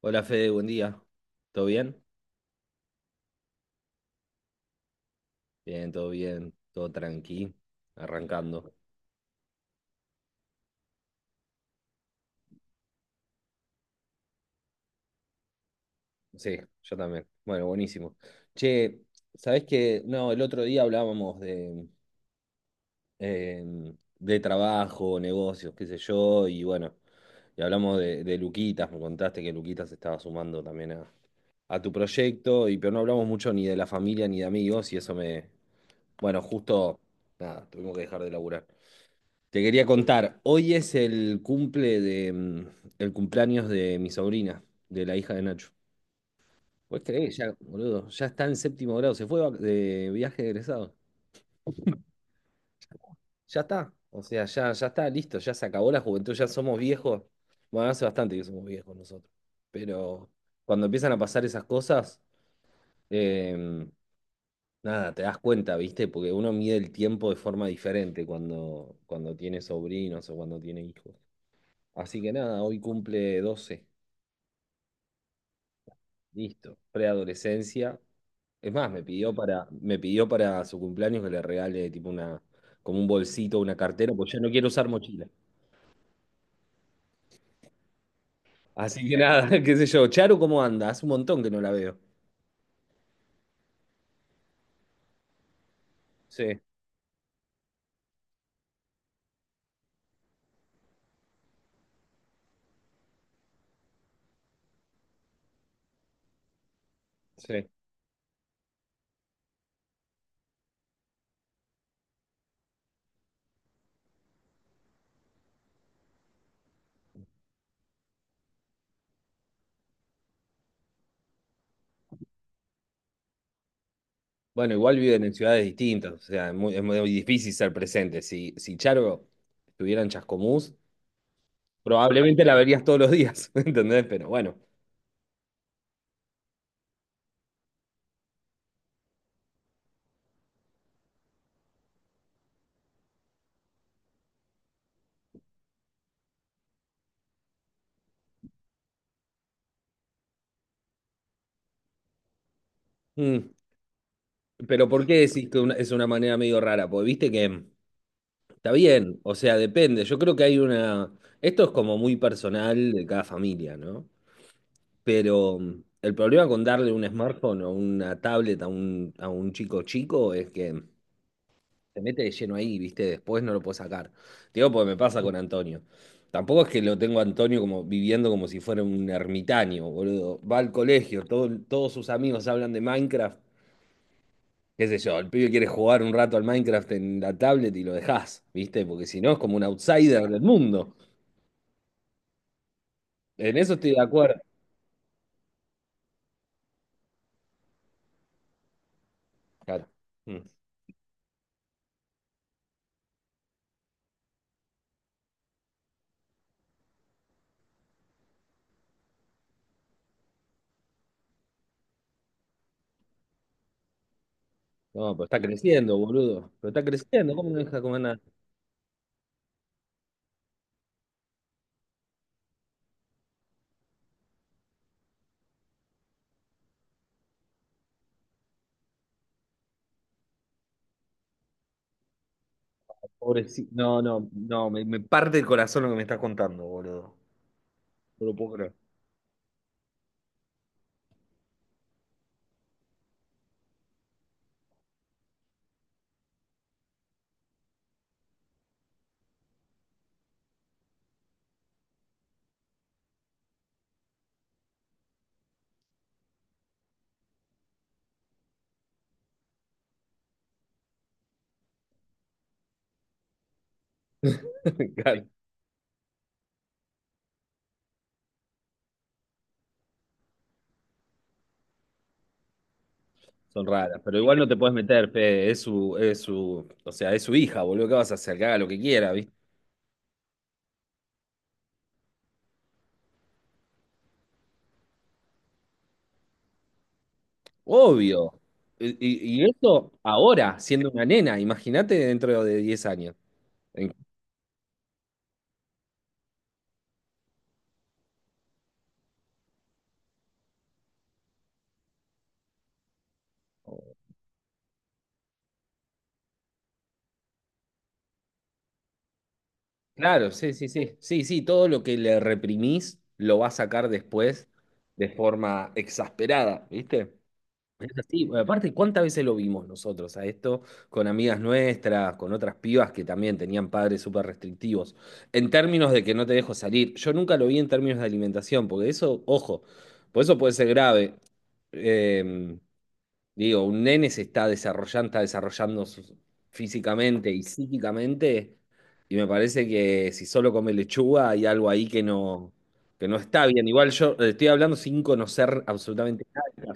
Hola Fede, buen día. ¿Todo bien? Bien, todo tranqui, arrancando. Sí, yo también. Bueno, buenísimo. Che, ¿sabés qué? No, el otro día hablábamos eh, de trabajo, negocios, qué sé yo, y bueno, y hablamos de Luquitas, me contaste que Luquitas estaba sumando también a tu proyecto, y pero no hablamos mucho ni de la familia ni de amigos, y eso me, bueno, justo, nada, tuvimos que dejar de laburar. Te quería contar, hoy es el el cumpleaños de mi sobrina, de la hija de Nacho. ¿Puedes creer? Ya, boludo, ya está en séptimo grado, se fue de viaje de egresado. Ya está, o sea, ya está, listo, ya se acabó la juventud, ya somos viejos. Bueno, hace bastante que somos viejos nosotros. Pero cuando empiezan a pasar esas cosas, eh, nada, te das cuenta, ¿viste? Porque uno mide el tiempo de forma diferente cuando tiene sobrinos o cuando tiene hijos. Así que nada, hoy cumple 12. Listo, preadolescencia. Es más, me pidió para su cumpleaños que le regale tipo como un bolsito, una cartera, porque yo no quiero usar mochila. Así que nada, qué sé yo. Charo, ¿cómo anda? Hace un montón que no la veo. Sí, sí. Bueno, igual viven en ciudades distintas, o sea, es muy difícil ser presente. Si, si Charo estuviera en Chascomús, probablemente la verías todos los días, ¿entendés? Pero bueno. Mm. Pero ¿por qué decís que es una manera medio rara? Porque viste que está bien, o sea, depende. Yo creo que hay una... Esto es como muy personal de cada familia, ¿no? Pero el problema con darle un smartphone o una tablet a un chico chico es que se mete de lleno ahí, ¿viste? Después no lo puedo sacar. Te digo, porque me pasa con Antonio. Tampoco es que lo tengo a Antonio como viviendo como si fuera un ermitaño, boludo. Va al colegio, todos sus amigos hablan de Minecraft. Qué sé yo, el pibe quiere jugar un rato al Minecraft en la tablet y lo dejás, ¿viste? Porque si no es como un outsider del mundo. En eso estoy de acuerdo. Claro. Mm. No, pero está creciendo, boludo. Pero está creciendo. ¿Cómo no deja comer nada? Pobrecito. No, no, no. Me parte el corazón lo que me estás contando, boludo. No lo puedo creer. Claro, son raras. Pero igual no te puedes meter, Fede. O sea, es su hija, boludo. ¿Qué vas a hacer? Que haga lo que quiera, ¿viste? Obvio. Y, y esto ahora, siendo una nena. Imagínate dentro de 10 años. Claro, sí, sí, sí. Sí, sí, todo lo que le reprimís lo va a sacar después de forma exasperada, ¿viste? Es así. Bueno, aparte, ¿cuántas veces lo vimos nosotros a esto con amigas nuestras, con otras pibas que también tenían padres súper restrictivos? En términos de que no te dejo salir. Yo nunca lo vi en términos de alimentación, porque eso, ojo, por eso puede ser grave. Em, Digo, un nene se está desarrollando físicamente y psíquicamente, y me parece que si solo come lechuga hay algo ahí que no está bien. Igual yo estoy hablando sin conocer absolutamente nada.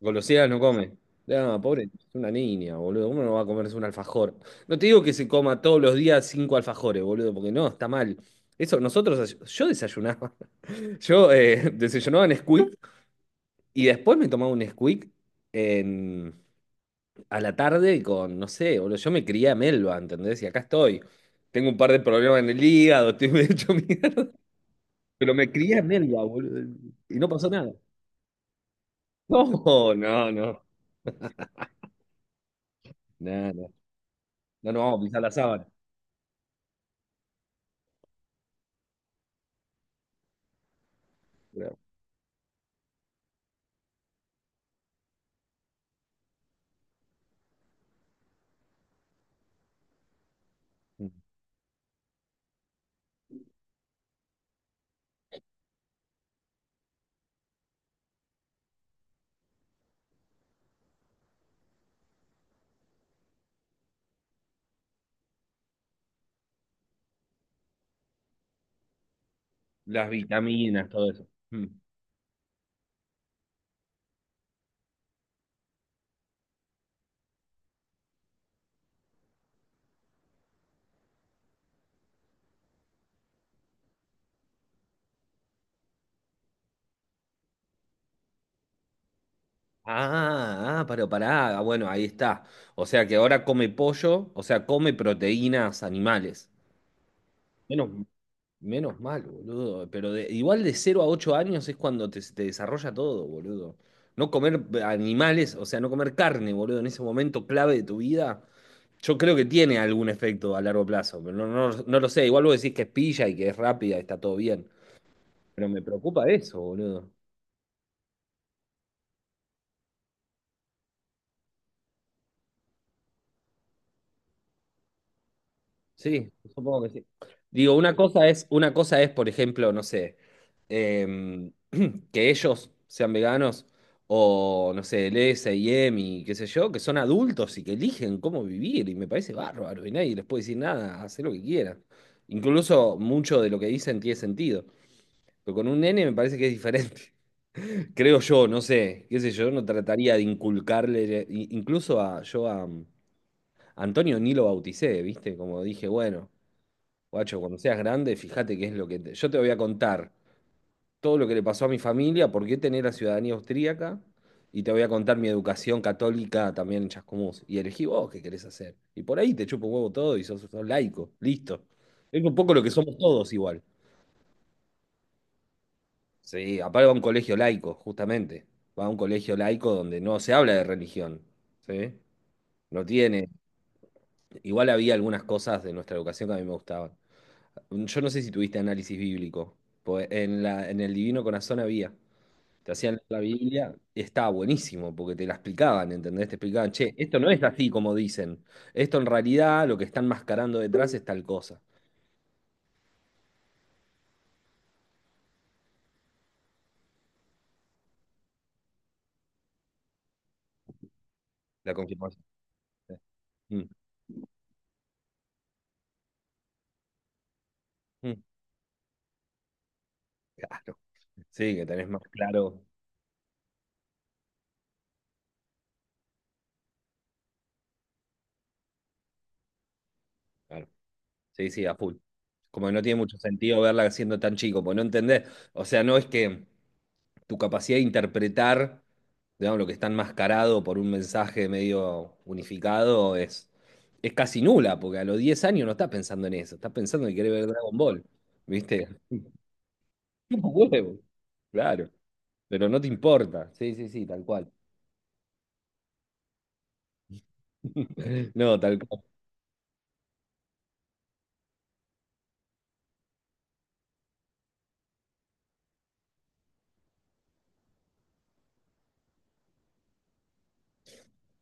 Golosinas no come. Ah, pobre, es una niña, boludo. ¿Cómo no va a comerse un alfajor? No te digo que se coma todos los días cinco alfajores, boludo, porque no, está mal. Eso, nosotros, yo desayunaba. Yo desayunaba en Squeak y después me tomaba un Squeak a la tarde con, no sé, boludo, yo me crié a Melba, ¿entendés? Y acá estoy. Tengo un par de problemas en el hígado, estoy medio hecho mierda, pero me crié a Melba, boludo, y no pasó nada. No, no, no, no, no, no, no vamos a pisar la sábana. Pero, mm, las vitaminas, todo eso. Mm. Ah, ah, pero pará, ah, bueno, ahí está. O sea que ahora come pollo, o sea, come proteínas animales. Menos, Menos mal, boludo. Pero igual de 0 a 8 años es cuando te desarrolla todo, boludo. No comer animales, o sea, no comer carne, boludo, en ese momento clave de tu vida, yo creo que tiene algún efecto a largo plazo, pero no, no, no lo sé. Igual vos decís que es pilla y que es rápida, está todo bien. Pero me preocupa eso, boludo. Sí, supongo que sí. Digo, una cosa es, por ejemplo, no sé, eh, que ellos sean veganos o, no sé, el S&M y M y qué sé yo, que son adultos y que eligen cómo vivir y me parece bárbaro y nadie les puede decir nada, hacer lo que quieran. Incluso mucho de lo que dicen tiene sentido, pero con un nene me parece que es diferente. Creo yo, no sé, qué sé yo, no trataría de inculcarle, incluso a yo a Antonio ni lo bauticé, ¿viste? Como dije, bueno, guacho, cuando seas grande, fíjate qué es lo que yo te voy a contar todo lo que le pasó a mi familia, por qué tener la ciudadanía austríaca y te voy a contar mi educación católica también en Chascomús. Y elegí vos qué querés hacer. Y por ahí te chupo un huevo todo y sos laico, listo. Es un poco lo que somos todos igual. Sí, aparte va a un colegio laico, justamente. Va a un colegio laico donde no se habla de religión, ¿sí? No tiene. Igual había algunas cosas de nuestra educación que a mí me gustaban. Yo no sé si tuviste análisis bíblico. Pues en el Divino Corazón había. Te hacían leer la Biblia y estaba buenísimo porque te la explicaban, ¿entendés? Te explicaban, che, esto no es así como dicen. Esto en realidad lo que están mascarando detrás es tal cosa. La confirmación. Sí. Mm, mm, claro. Sí, que tenés más claro. Claro. Sí, sí, a full. Como que no tiene mucho sentido verla siendo tan chico, porque no entendés. O sea, no es que. Tu capacidad de interpretar, digamos, lo que está enmascarado por un mensaje medio unificado es casi nula, porque a los 10 años no estás pensando en eso, estás pensando que querés ver Dragon Ball, ¿viste? Como huevo, claro, pero no te importa, sí, sí, sí, tal cual. No, tal cual,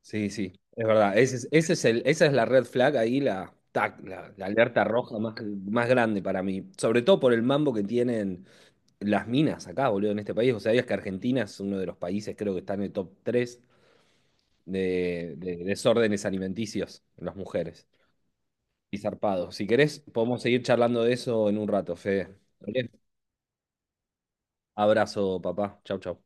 sí, sí, es verdad, ese es, esa es la red flag ahí, la, tac, la alerta roja más grande para mí, sobre todo por el mambo que tienen las minas acá, boludo, en este país. O sea, es que Argentina es uno de los países, creo que está en el top 3 de, desórdenes alimenticios en las mujeres. Y zarpado. Si querés, podemos seguir charlando de eso en un rato, Fede. ¿Vale? Abrazo, papá. Chau, chau.